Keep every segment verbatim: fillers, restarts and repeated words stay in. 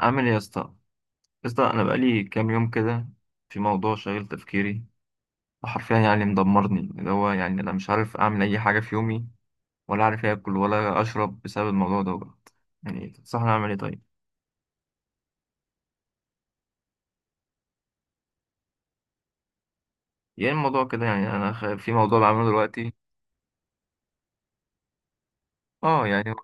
عامل ايه يا اسطى. يا اسطى انا بقالي كام يوم كده، في موضوع شاغل تفكيري، وحرفيا يعني مدمرني، اللي هو يعني انا مش عارف اعمل اي حاجه في يومي، ولا عارف اكل ولا اشرب بسبب الموضوع دوت. يعني تنصحني اعمل ايه طيب؟ يعني الموضوع كده يعني انا خ- في موضوع بعمله دلوقتي. اه يعني.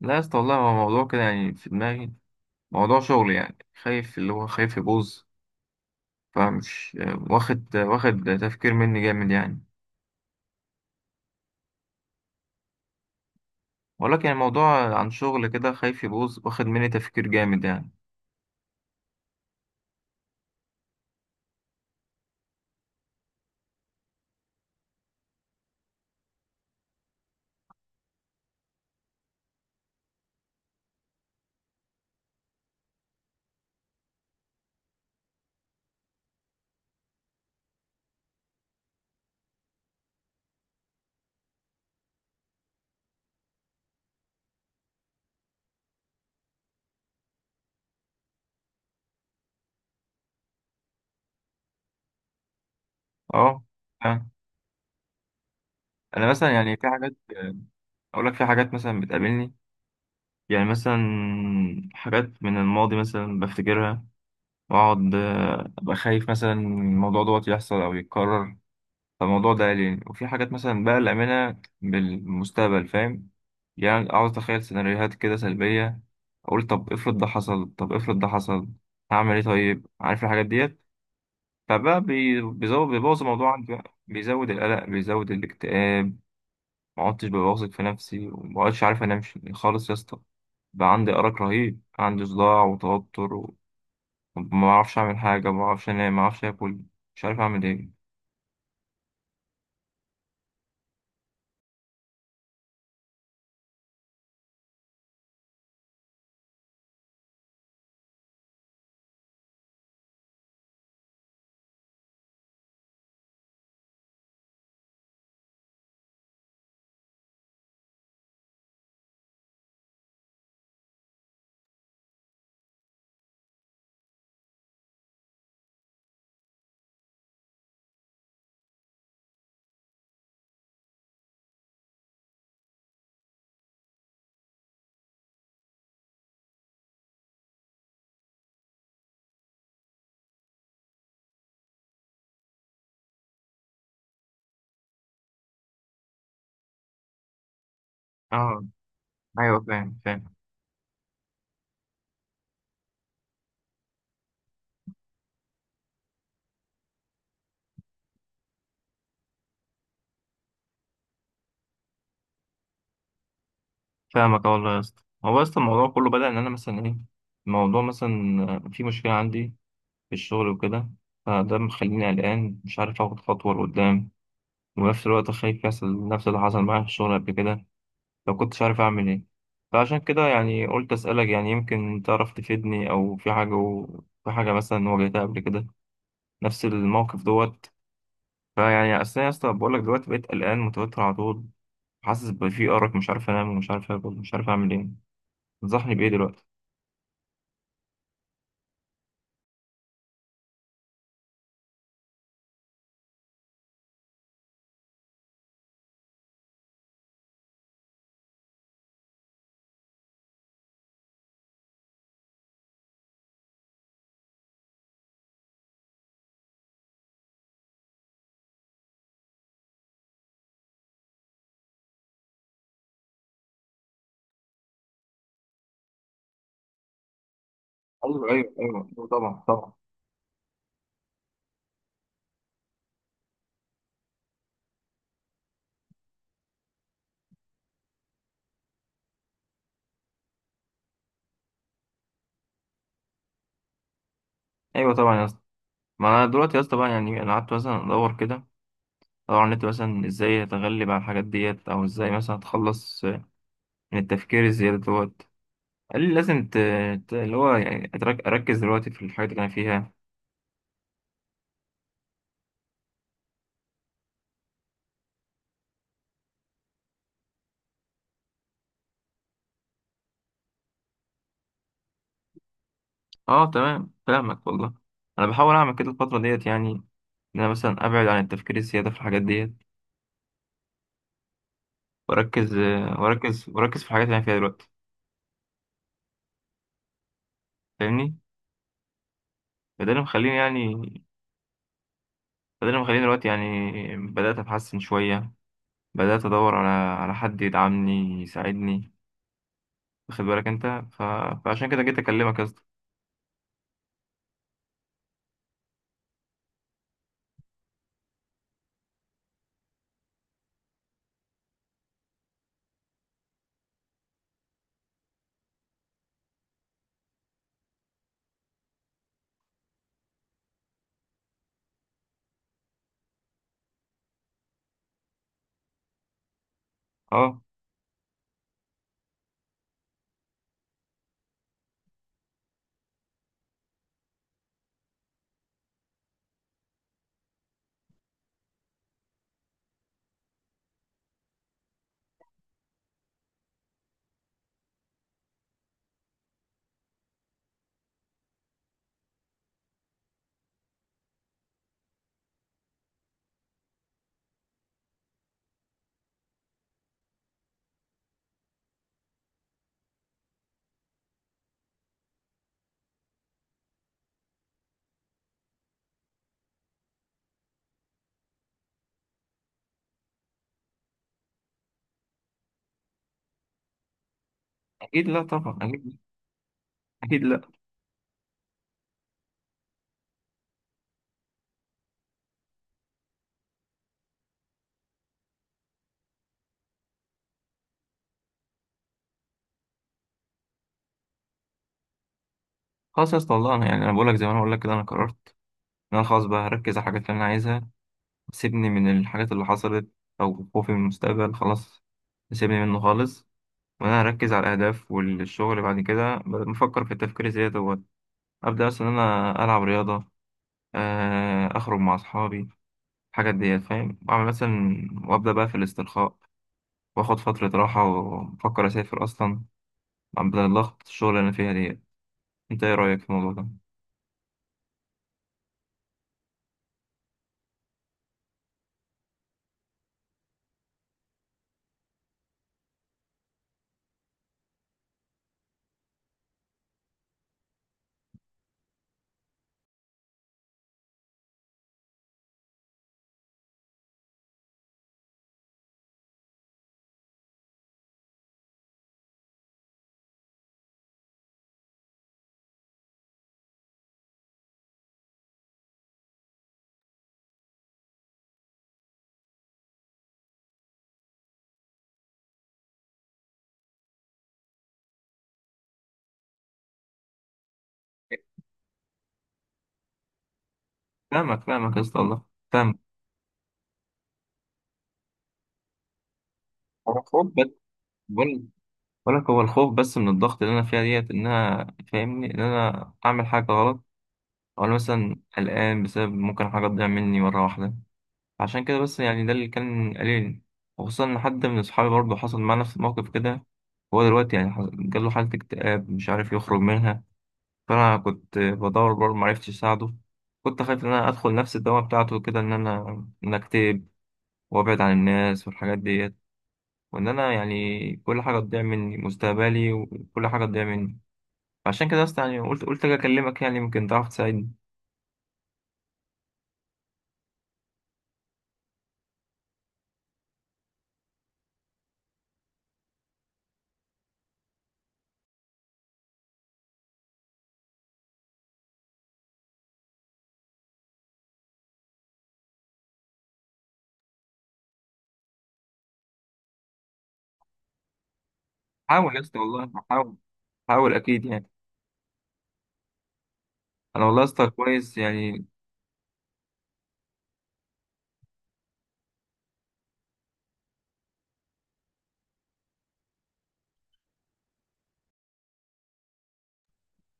لا يا اسطى والله، هو موضوع كده يعني في دماغي، موضوع شغل يعني، خايف اللي هو خايف يبوظ. فمش. واخد واخد تفكير مني جامد يعني، ولكن الموضوع عن شغل كده، خايف يبوظ، واخد مني تفكير جامد يعني. اه فعلا. انا مثلا يعني في حاجات، اقول لك في حاجات مثلا بتقابلني، يعني مثلا حاجات من الماضي مثلا بفتكرها، واقعد آه، ابقى خايف مثلا الموضوع دوت يحصل او يتكرر. فالموضوع ده قلقني، وفي حاجات مثلا بقى الامانه بالمستقبل، فاهم؟ يعني اقعد اتخيل سيناريوهات كده سلبيه، اقول طب افرض ده حصل، طب افرض ده حصل، هعمل ايه طيب؟ عارف الحاجات ديت، فبقى بي- بيزود، بيبوظ الموضوع عندي، بقى بيزود القلق، بيزود الاكتئاب. ما عدتش ببقى واثق في نفسي، وما عدتش عارف انام ش- خالص يا اسطى. بقى عندي ارق رهيب، عندي صداع وتوتر و- وما اعرفش اعمل حاجه، ما اعرفش انام، ما اعرفش اكل، مش عارف اعمل ايه. اه ايوه، فاهم فاهم. فاهمك آه والله يا اسطى، هو يا اسطى الموضوع كله بدأ ان انا مثلا ايه، الموضوع مثلا في مشكله عندي في الشغل وكده، فده مخليني قلقان، مش عارف اخد خطوه لقدام، وفي نفس الوقت خايف يحصل نفس اللي حصل معايا في الشغل قبل كده، لو كنتش عارف أعمل إيه. فعشان كده يعني قلت أسألك، يعني يمكن تعرف تفيدني، أو في حاجة و... في حاجة مثلا واجهتها قبل كده، نفس الموقف دوت. فيعني أصل أنا يا اسطى بقول لك دلوقتي، بقيت قلقان متوتر على طول، حاسس بفي أرق، مش عارف أنام، ومش عارف آكل، ومش عارف أعمل إيه. تنصحني بإيه دلوقتي؟ أيوه أيوه أيوه أيوه، طبعا طبعا. أيوه طبعا يا اسطى. ما أنا دلوقتي يا اسطى بقى يعني أنا قعدت مثلا أدور كده، أدور على النت مثلا إزاي أتغلب على الحاجات ديت، أو إزاي مثلا أتخلص من التفكير الزيادة دوت. قال لي لازم ت... ت- اللي هو يعني أترك... أركز دلوقتي في الحاجات اللي أنا فيها. أه تمام كلامك والله. أنا بحاول أعمل كده الفترة ديت يعني، إن أنا مثلا أبعد عن التفكير الزيادة في الحاجات ديت، وأركز، آه، وأركز وأركز في الحاجات اللي أنا فيها دلوقتي. فاهمني؟ فده اللي مخليني يعني، فده اللي مخليني دلوقتي يعني بدأت أتحسن شوية، بدأت أدور على على حد يدعمني يساعدني، واخد بالك أنت؟ ف... فعشان كده جيت أكلمك يا اسطى. أه أكيد لا طبعا، أكيد. أكيد لا. خلاص يا اسطى والله، أنا يعني أنا بقول لك زي ما أنا بقول لك كده، أنا قررت انا خلاص بقى هركز على الحاجات اللي انا عايزها، سيبني من الحاجات اللي حصلت، او خوفي من المستقبل خلاص، سيبني منه خالص. وانا هركز على الاهداف والشغل بعد كده، بدل ما افكر في التفكير الزياده دوت. ابدا مثلا إن انا العب رياضه، آه، اخرج مع اصحابي، الحاجات ديت فاهم، واعمل مثلا وابدا بقى في الاسترخاء، واخد فتره راحه، وافكر اسافر اصلا بدل ضغط الشغل اللي انا فيها ديت. انت ايه رايك في الموضوع ده؟ فاهمك فاهمك يا اسطى والله. فاهمك. أنا خد بالك بقول ولك، هو الخوف بس من الضغط اللي انا فيها ديت، ان انا فاهمني ان انا اعمل حاجه غلط، او أنا مثلا قلقان بسبب ممكن حاجه تضيع مني مره واحده. عشان كده بس يعني، ده اللي كان قليل. وخصوصا ان حد من اصحابي برضه حصل معاه نفس الموقف كده، هو دلوقتي يعني حص- جاله حاله اكتئاب، مش عارف يخرج منها، فانا كنت بدور برضه معرفتش اساعده. كنت خايف ان انا ادخل نفس الدوامه بتاعته كده، ان انا ان أنا اكتئب وابعد عن الناس والحاجات ديت، وان انا يعني كل حاجه تضيع مني مستقبلي، وكل حاجه تضيع مني. عشان كده اصلا يعني قلت قلت اجي اكلمك، يعني يمكن تعرف تساعدني. حاول يا اسطى والله، حاول، حاول اكيد يعني. انا والله يا اسطى كويس يعني.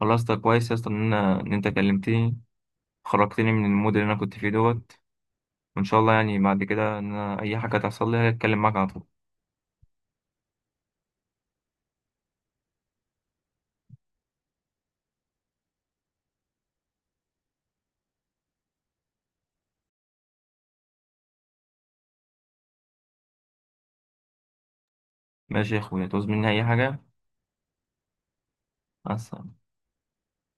والله يا اسطى كويس يا اسطى ان انا ان انت كلمتني، خرجتني من المود اللي انا كنت فيه دوت. وان شاء الله يعني بعد كده ان انا اي حاجه تحصل لي هتكلم معاك على طول. ماشي يا اخويا، تعوز مني اي حاجه. مع السلامة.